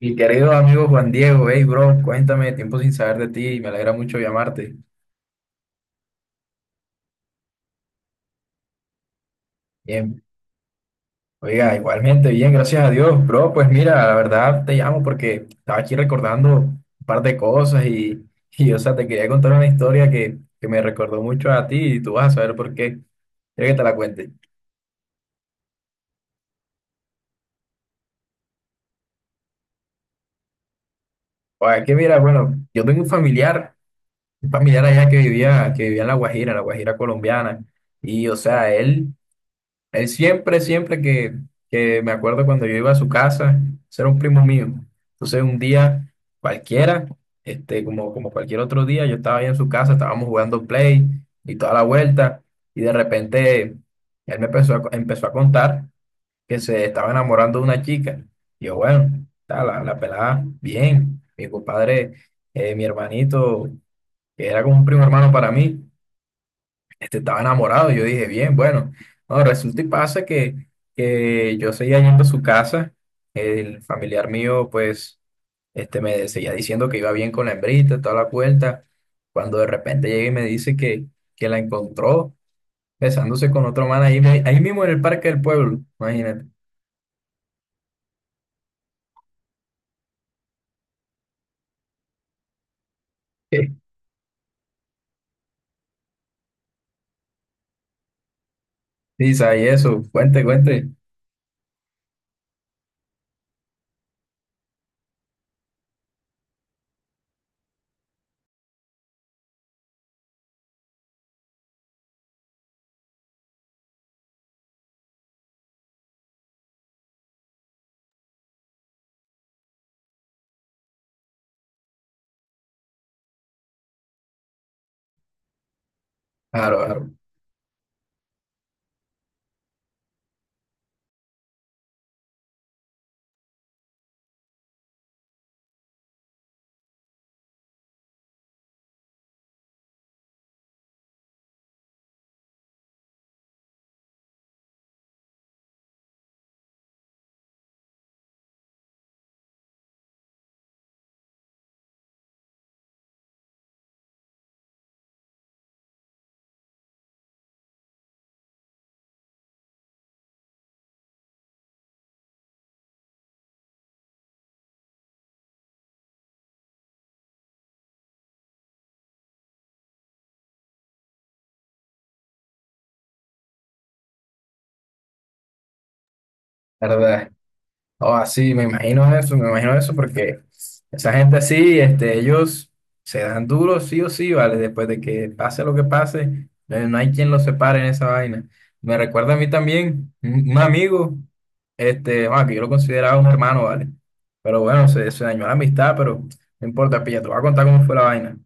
Mi querido amigo Juan Diego, hey bro, cuéntame, tiempo sin saber de ti, me alegra mucho llamarte. Bien, oiga, igualmente, bien, gracias a Dios, bro, pues mira, la verdad te llamo porque estaba aquí recordando un par de cosas, o sea, te quería contar una historia que me recordó mucho a ti y tú vas a saber por qué. Quiero que te la cuente. Oiga, que mira, bueno, yo tengo un familiar allá que vivía en La Guajira colombiana, y o sea, él siempre que me acuerdo cuando yo iba a su casa, ese era un primo mío. Entonces un día cualquiera, como, como cualquier otro día, yo estaba ahí en su casa, estábamos jugando play y toda la vuelta, y de repente él me empezó a empezó a contar que se estaba enamorando de una chica. Y yo, bueno, ta, la pelada, bien. Mi compadre, mi hermanito, que era como un primo hermano para mí, estaba enamorado. Yo dije, bien, bueno, no, resulta y pasa que yo seguía yendo a su casa, el familiar mío pues me seguía diciendo que iba bien con la hembrita, toda la vuelta, cuando de repente llega y me dice que la encontró besándose con otro man ahí mismo en el parque del pueblo, imagínate. Sí, sí, y eso, cuente, cuente. Claro, claro, verdad. O así, me imagino eso porque esa gente así, ellos se dan duro sí o sí, ¿vale? Después de que pase lo que pase, no hay quien los separe en esa vaina. Me recuerda a mí también un amigo, bueno, que yo lo consideraba un hermano, ¿vale? Pero bueno, se dañó la amistad, pero no importa, pilla, te voy a contar cómo fue la vaina.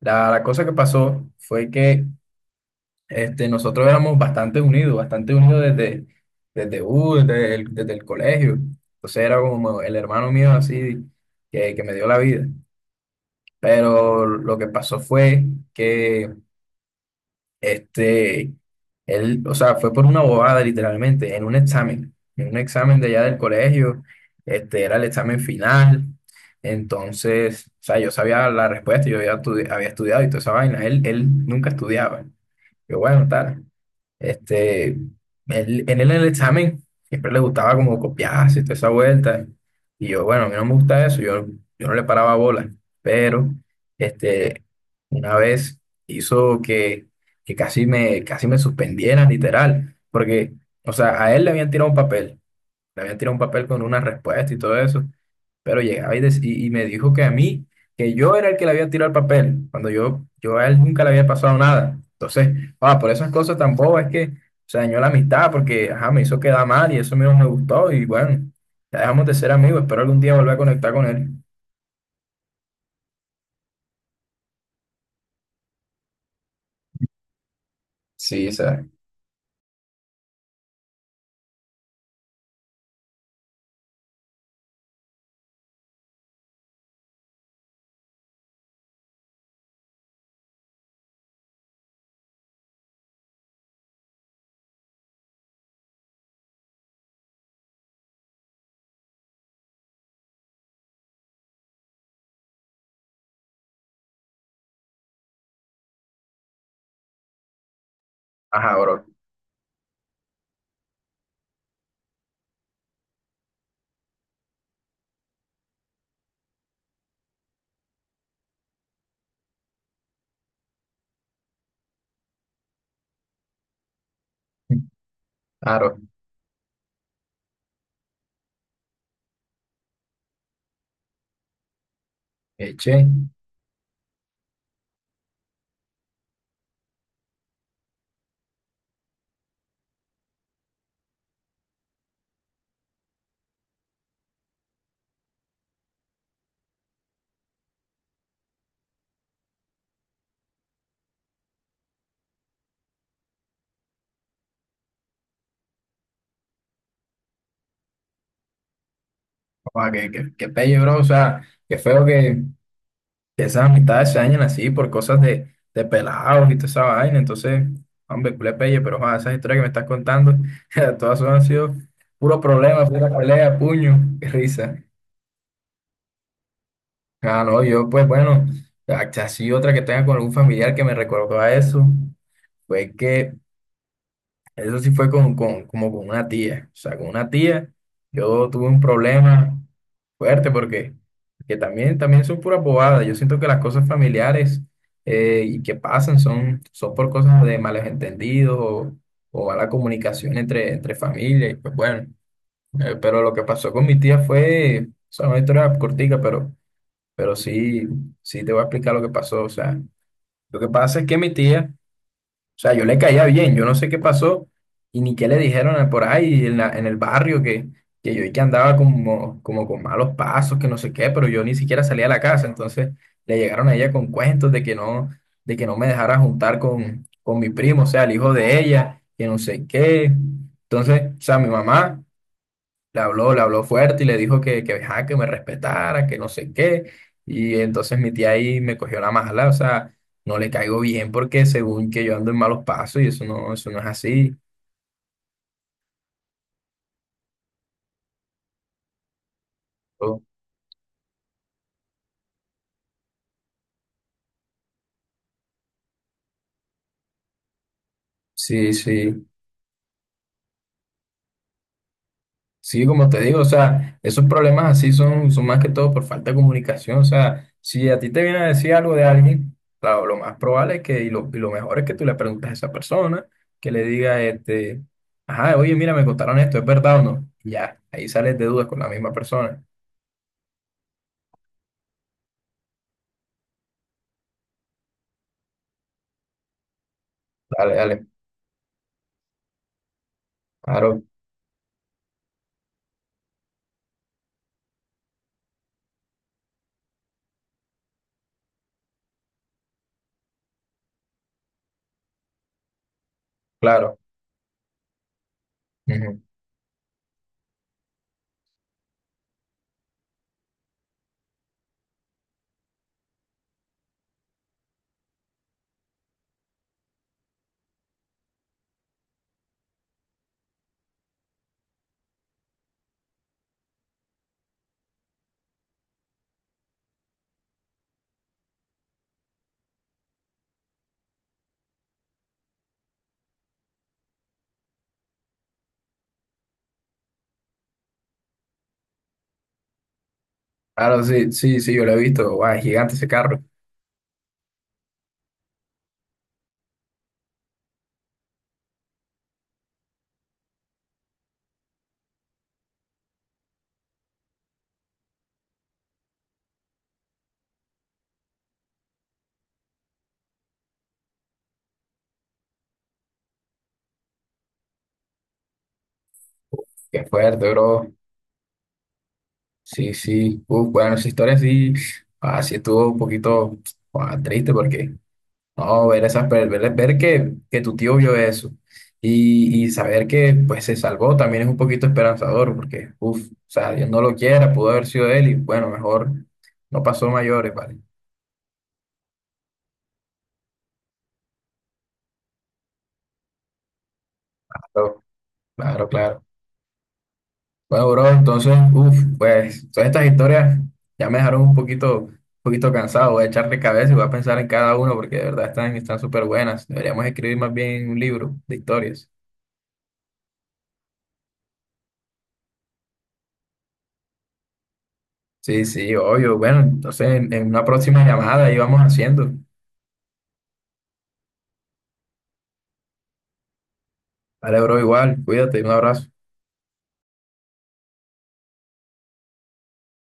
La cosa que pasó fue que nosotros éramos bastante unidos desde el colegio. Entonces era como el hermano mío así que me dio la vida. Pero lo que pasó fue que este, él, o sea, fue por una bobada literalmente, en un examen de allá del colegio, era el examen final. Entonces, o sea, yo sabía la respuesta, yo había estudiado y toda esa vaina. Él nunca estudiaba. Yo, bueno, tal. Este, él, en él en el examen siempre le gustaba como copiarse y toda esa vuelta. Y yo, bueno, a mí no me gusta eso, yo no le paraba bola. Pero, este, una vez hizo que casi casi me suspendieran, literal. Porque, o sea, a él le habían tirado un papel, le habían tirado un papel con una respuesta y todo eso. Pero llegaba y me dijo que a mí, que yo era el que le había tirado el papel, cuando yo a él nunca le había pasado nada. Entonces, ah, por esas cosas tampoco es que se dañó la amistad, porque ajá, me hizo quedar mal y eso mismo me gustó. Y bueno, ya dejamos de ser amigos, espero algún día volver a conectar con él. Sí, o sea, ajá, bro. Claro, eche. Che, o sea que pelle, bro. O sea, qué feo que esas amistades se dañan así por cosas de pelados y toda esa vaina. Entonces, hombre, culé pelle, pero joder, esas historias que me estás contando, todas son- han sido puro problema, pura pelea, puño, qué risa. Ah, no, yo pues bueno, así otra que tenga con algún familiar que me recordó a eso, fue que eso sí fue como con una tía. O sea, con una tía yo tuve un problema fuerte porque que también, también son puras bobadas. Yo siento que las cosas familiares y que pasan son por cosas de malos entendidos o mala comunicación entre familia. Y pues bueno, pero lo que pasó con mi tía fue, o sea, una historia cortica, pero sí, sí te voy a explicar lo que pasó. O sea, lo que pasa es que mi tía... O sea, yo le caía bien, yo no sé qué pasó y ni qué le dijeron por ahí en el barrio que yo y que andaba como, como con malos pasos, que no sé qué, pero yo ni siquiera salía a la casa. Entonces le llegaron a ella con cuentos de que no me dejara juntar con mi primo, o sea, el hijo de ella, que no sé qué. Entonces, o sea, mi mamá le habló, le habló fuerte y le dijo ajá, que me respetara, que no sé qué. Y entonces mi tía ahí me cogió la mala, o sea, no le caigo bien porque según que yo ando en malos pasos y eso no es así. Oh, sí, sí. Sí, como te digo, o sea, esos problemas así son, son más que todo por falta de comunicación. O sea, si a ti te viene a decir algo de alguien, claro, lo más probable es y lo mejor es que tú le preguntes a esa persona, que le diga, ajá, oye, mira, me contaron esto, ¿es verdad o no? Y ya, ahí sales de dudas con la misma persona. Dale, dale, claro, claro. Ujú. Claro, sí, sí, sí, yo lo he visto. Guau, es gigante ese carro. Qué fuerte, bro. Sí, sí. Uf, bueno, esa historia sí, ah, sí estuvo un poquito, ah, triste porque no, ver esas, ver que tu tío vio eso y saber que pues se salvó también es un poquito esperanzador porque, uff, o sea, Dios no lo quiera, pudo haber sido él y bueno, mejor no pasó mayores, ¿vale? Claro, claro, claro. Bueno, bro, entonces, uff, pues todas estas historias ya me dejaron un poquito cansado, voy a echarle cabeza y voy a pensar en cada uno porque de verdad están, están súper buenas. Deberíamos escribir más bien un libro de historias. Sí, sí, obvio. Bueno, entonces en una próxima llamada ahí vamos haciendo. Vale, bro, igual, cuídate, un abrazo.